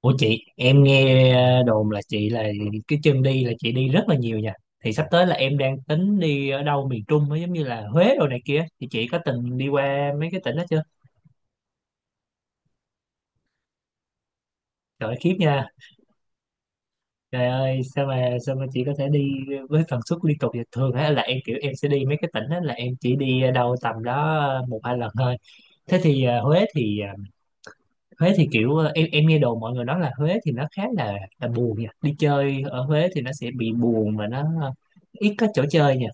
Ủa chị, em nghe đồn là chị là cái chân đi, là chị đi rất là nhiều nha. Thì sắp tới là em đang tính đi ở đâu miền Trung á, giống như là Huế đồ này kia. Thì chị có từng đi qua mấy cái tỉnh đó chưa? Trời ơi, khiếp nha. Trời ơi, sao mà chị có thể đi với tần suất liên tục vậy? Thường á là em kiểu em sẽ đi mấy cái tỉnh á là em chỉ đi đâu tầm đó một hai lần thôi. Thế thì Huế thì Huế thì kiểu em nghe đồn mọi người nói là Huế thì nó khá là buồn nha. Đi chơi ở Huế thì nó sẽ bị buồn và nó ít có chỗ chơi nha.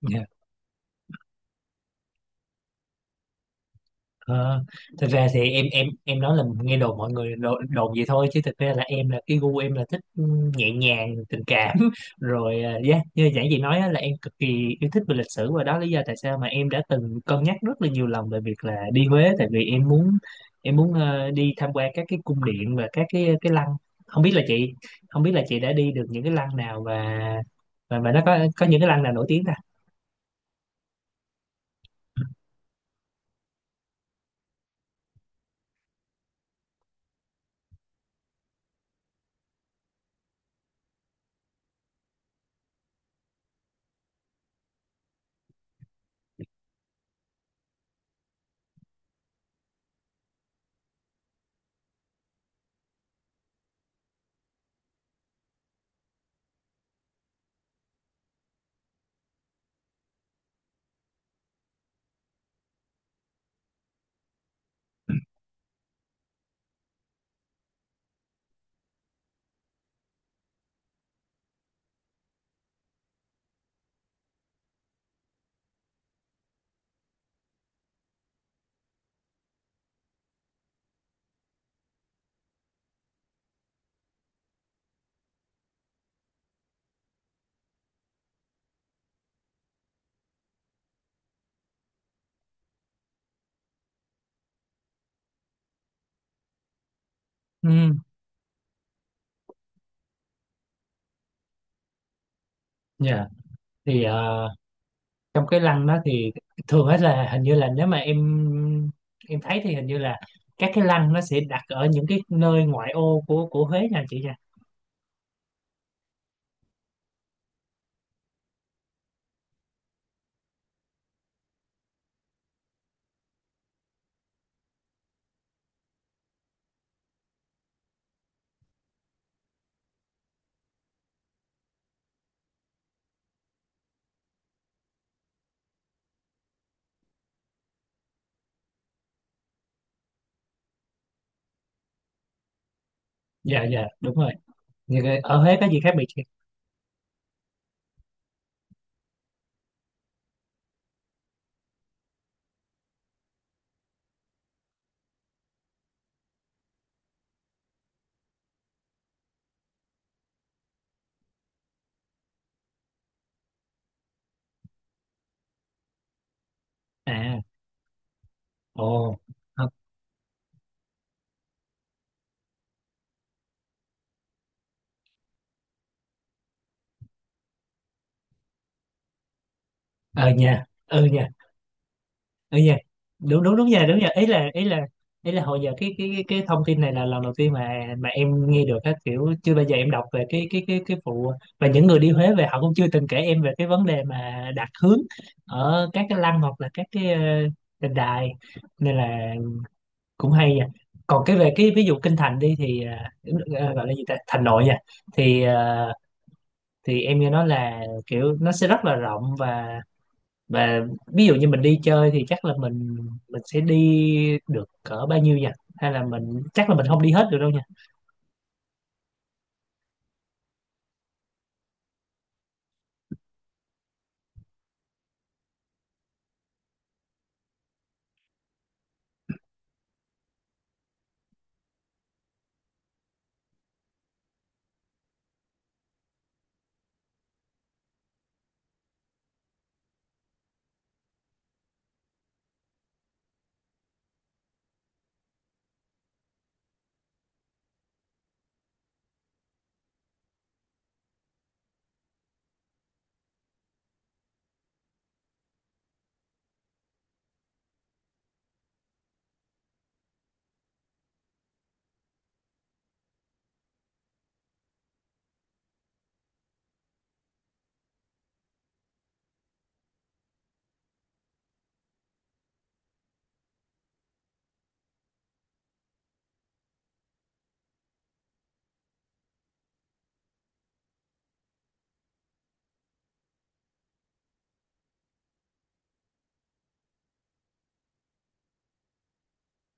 Dạ. Ờ, thật ra thì em nói là nghe đồn, mọi người đồn vậy thôi, chứ thực ra là em, là cái gu em là thích nhẹ nhàng tình cảm rồi dạ, như giản dị nói á, là em cực kỳ yêu thích về lịch sử, và đó là lý do tại sao mà em đã từng cân nhắc rất là nhiều lần về việc là đi Huế, tại vì em muốn đi tham quan các cái cung điện và các cái lăng. Không biết là chị không biết là chị đã đi được những cái lăng nào, và nó có những cái lăng nào nổi tiếng ta? Ừ, dạ. Thì trong cái lăng đó thì thường hết là hình như là nếu mà em thấy thì hình như là các cái lăng nó sẽ đặt ở những cái nơi ngoại ô của Huế nha chị nha. Dạ dạ, đúng rồi. Ở Huế có gì khác biệt chị? À, ồ, ờ nha, ừ nha, ừ dạ, đúng đúng đúng nha, đúng nha, ý là ý là hồi giờ cái thông tin này là lần đầu tiên mà em nghe được á, kiểu chưa bao giờ em đọc về cái vụ, và những người đi Huế về họ cũng chưa từng kể em về cái vấn đề mà đặt hướng ở các cái lăng hoặc là các cái đền đài, nên là cũng hay nha. Còn cái về cái ví dụ kinh thành đi thì ờ, gọi là gì ta, thành nội nha, thì thì em nghe nói là kiểu nó sẽ rất là rộng, và và ví dụ như mình đi chơi thì chắc là mình sẽ đi được cỡ bao nhiêu nhỉ, hay là mình chắc là mình không đi hết được đâu nha.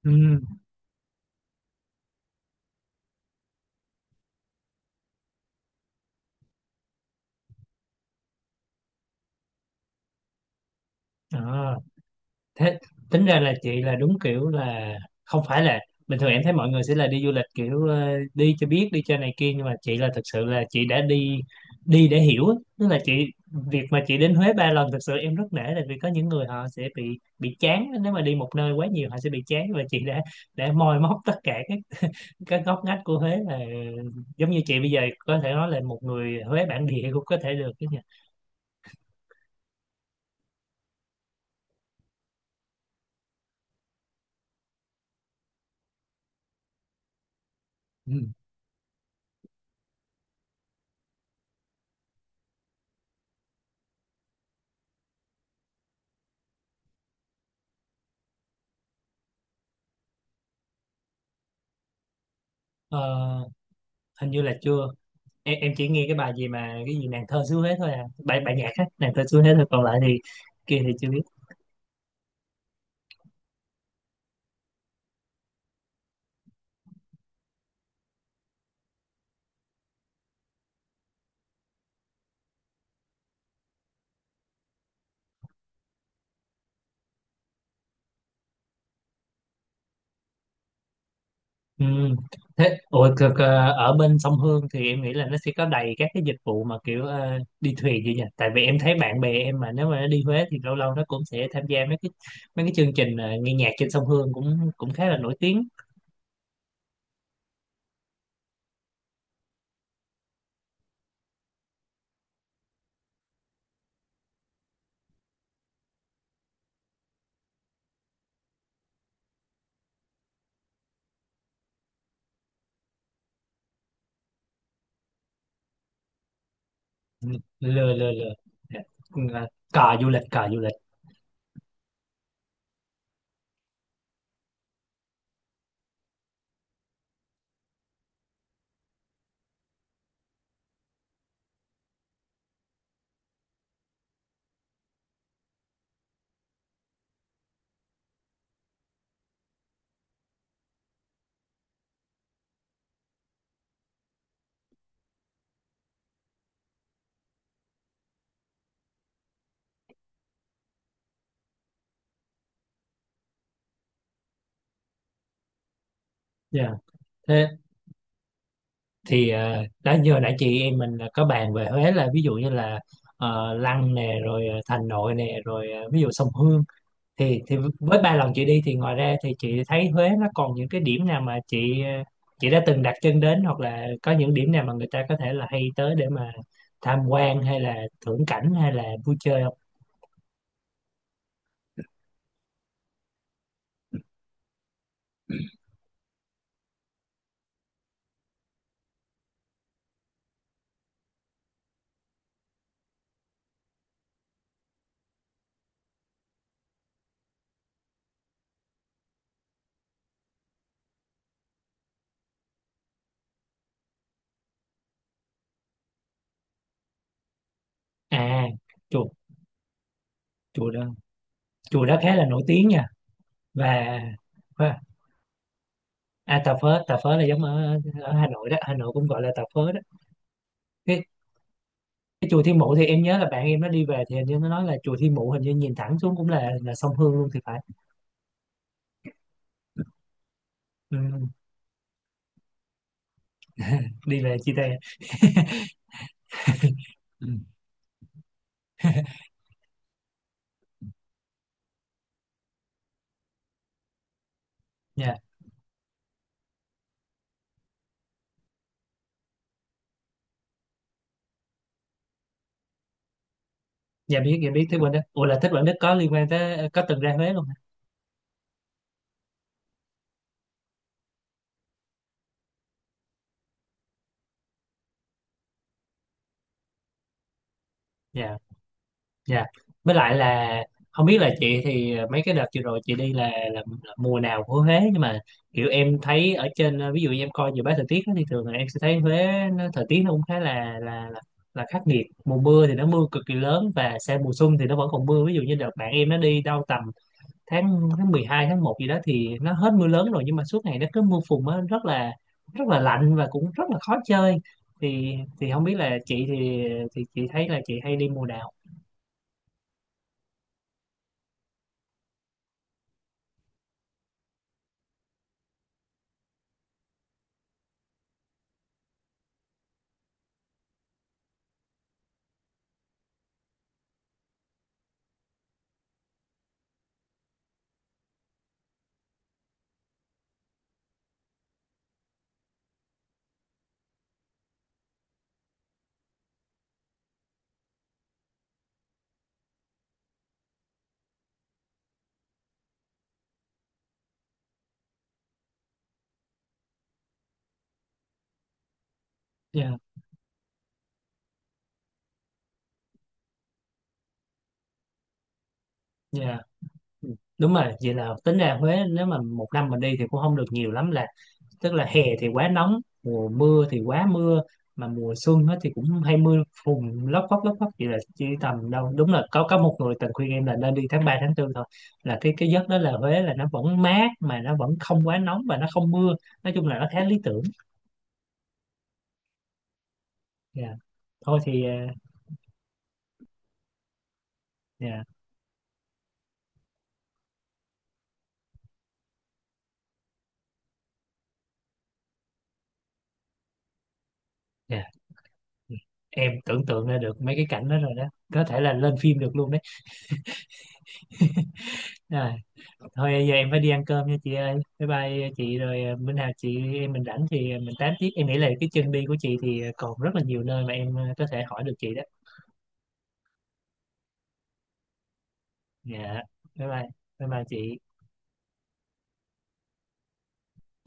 Ừ. À, thế tính ra là chị là đúng kiểu là không phải là bình thường em thấy mọi người sẽ là đi du lịch kiểu đi cho biết, đi cho này kia, nhưng mà chị là thực sự là chị đã đi, đi để hiểu á. Tức là chị, việc mà chị đến Huế 3 lần, thực sự em rất nể là vì có những người họ sẽ bị chán nếu mà đi một nơi quá nhiều, họ sẽ bị chán, và chị đã để moi móc tất cả các cái góc ngách của Huế, là giống như chị bây giờ có thể nói là một người Huế bản địa cũng có thể được chứ nhỉ? Ừ. Ờ, hình như là chưa. Em chỉ nghe cái bài gì mà cái gì nàng thơ xứ Huế thôi, à, bài bài nhạc á, nàng thơ xứ Huế thôi, còn lại thì kia thì chưa biết. Ừ. Thế, ủa, ở bên sông Hương thì em nghĩ là nó sẽ có đầy các cái dịch vụ mà kiểu đi thuyền gì nhỉ, tại vì em thấy bạn bè em mà nếu mà nó đi Huế thì lâu lâu nó cũng sẽ tham gia mấy cái chương trình nghe nhạc trên sông Hương cũng cũng khá là nổi tiếng. Lừa lừa lừa. Dạ. Là cò du lịch, cò du lịch. Dạ. Thế thì đó, như hồi nãy chị em mình có bàn về Huế là ví dụ như là Lăng nè, rồi Thành Nội nè, rồi ví dụ sông Hương, thì với 3 lần chị đi thì ngoài ra thì chị thấy Huế nó còn những cái điểm nào mà chị chị đã từng đặt chân đến, hoặc là có những điểm nào mà người ta có thể là hay tới để mà tham quan hay là thưởng cảnh hay là vui chơi không? À, chùa chùa đó chùa đó khá là nổi tiếng nha. Và, à, tà phớ là giống ở, Hà Nội đó, Hà Nội cũng gọi là tà phớ đó. Cái, cái chùa Thiên Mụ thì em nhớ là bạn em nó đi về thì hình như nó nói là chùa Thiên Mụ hình như nhìn thẳng xuống cũng là sông Hương luôn thì phải. Ừ, ừ, đi về chia tay. Ừ. Dạ, dạ biết, dạ biết. Thế Quỳnh đó, ủa, là Thế Quỳnh Đức có liên quan tới, có từng ra Huế luôn hả? Dạ. Dạ. Với lại là không biết là chị thì mấy cái đợt vừa rồi chị đi là, mùa nào của Huế, nhưng mà kiểu em thấy ở trên ví dụ như em coi dự báo thời tiết á, thì thường là em sẽ thấy Huế nó, thời tiết nó cũng khá là là khắc nghiệt. Mùa mưa thì nó mưa cực kỳ lớn, và sang mùa xuân thì nó vẫn còn mưa, ví dụ như đợt bạn em nó đi đâu tầm tháng tháng 12 tháng 1 gì đó thì nó hết mưa lớn rồi, nhưng mà suốt ngày nó cứ mưa phùn á, rất là lạnh và cũng rất là khó chơi, thì thì không biết là chị thì chị thấy là chị hay đi mùa nào? Dạ. Dạ. Ừ, đúng rồi, vậy là tính ra Huế nếu mà một năm mình đi thì cũng không được nhiều lắm, là tức là hè thì quá nóng, mùa mưa thì quá mưa, mà mùa xuân hết thì cũng hay mưa phùn lóc phóc lóc phóc, vậy là chỉ tầm đâu đúng là có một người tình khuyên em là nên đi tháng 3 tháng 4 thôi, là cái giấc đó là Huế là nó vẫn mát mà nó vẫn không quá nóng và nó không mưa, nói chung là nó khá lý tưởng. Dạ. Thôi thì dạ. Dạ. Dạ. Em tưởng tượng ra được mấy cái cảnh đó rồi đó, có thể là lên phim được luôn đấy. À, thôi giờ em phải đi ăn cơm nha chị ơi, bye bye. Chị rồi, bữa nào chị em mình rảnh thì mình tám tiếp. Em nghĩ là cái chân đi của chị thì còn rất là nhiều nơi mà em có thể hỏi được chị đó. Dạ, bye bye, bye bye chị.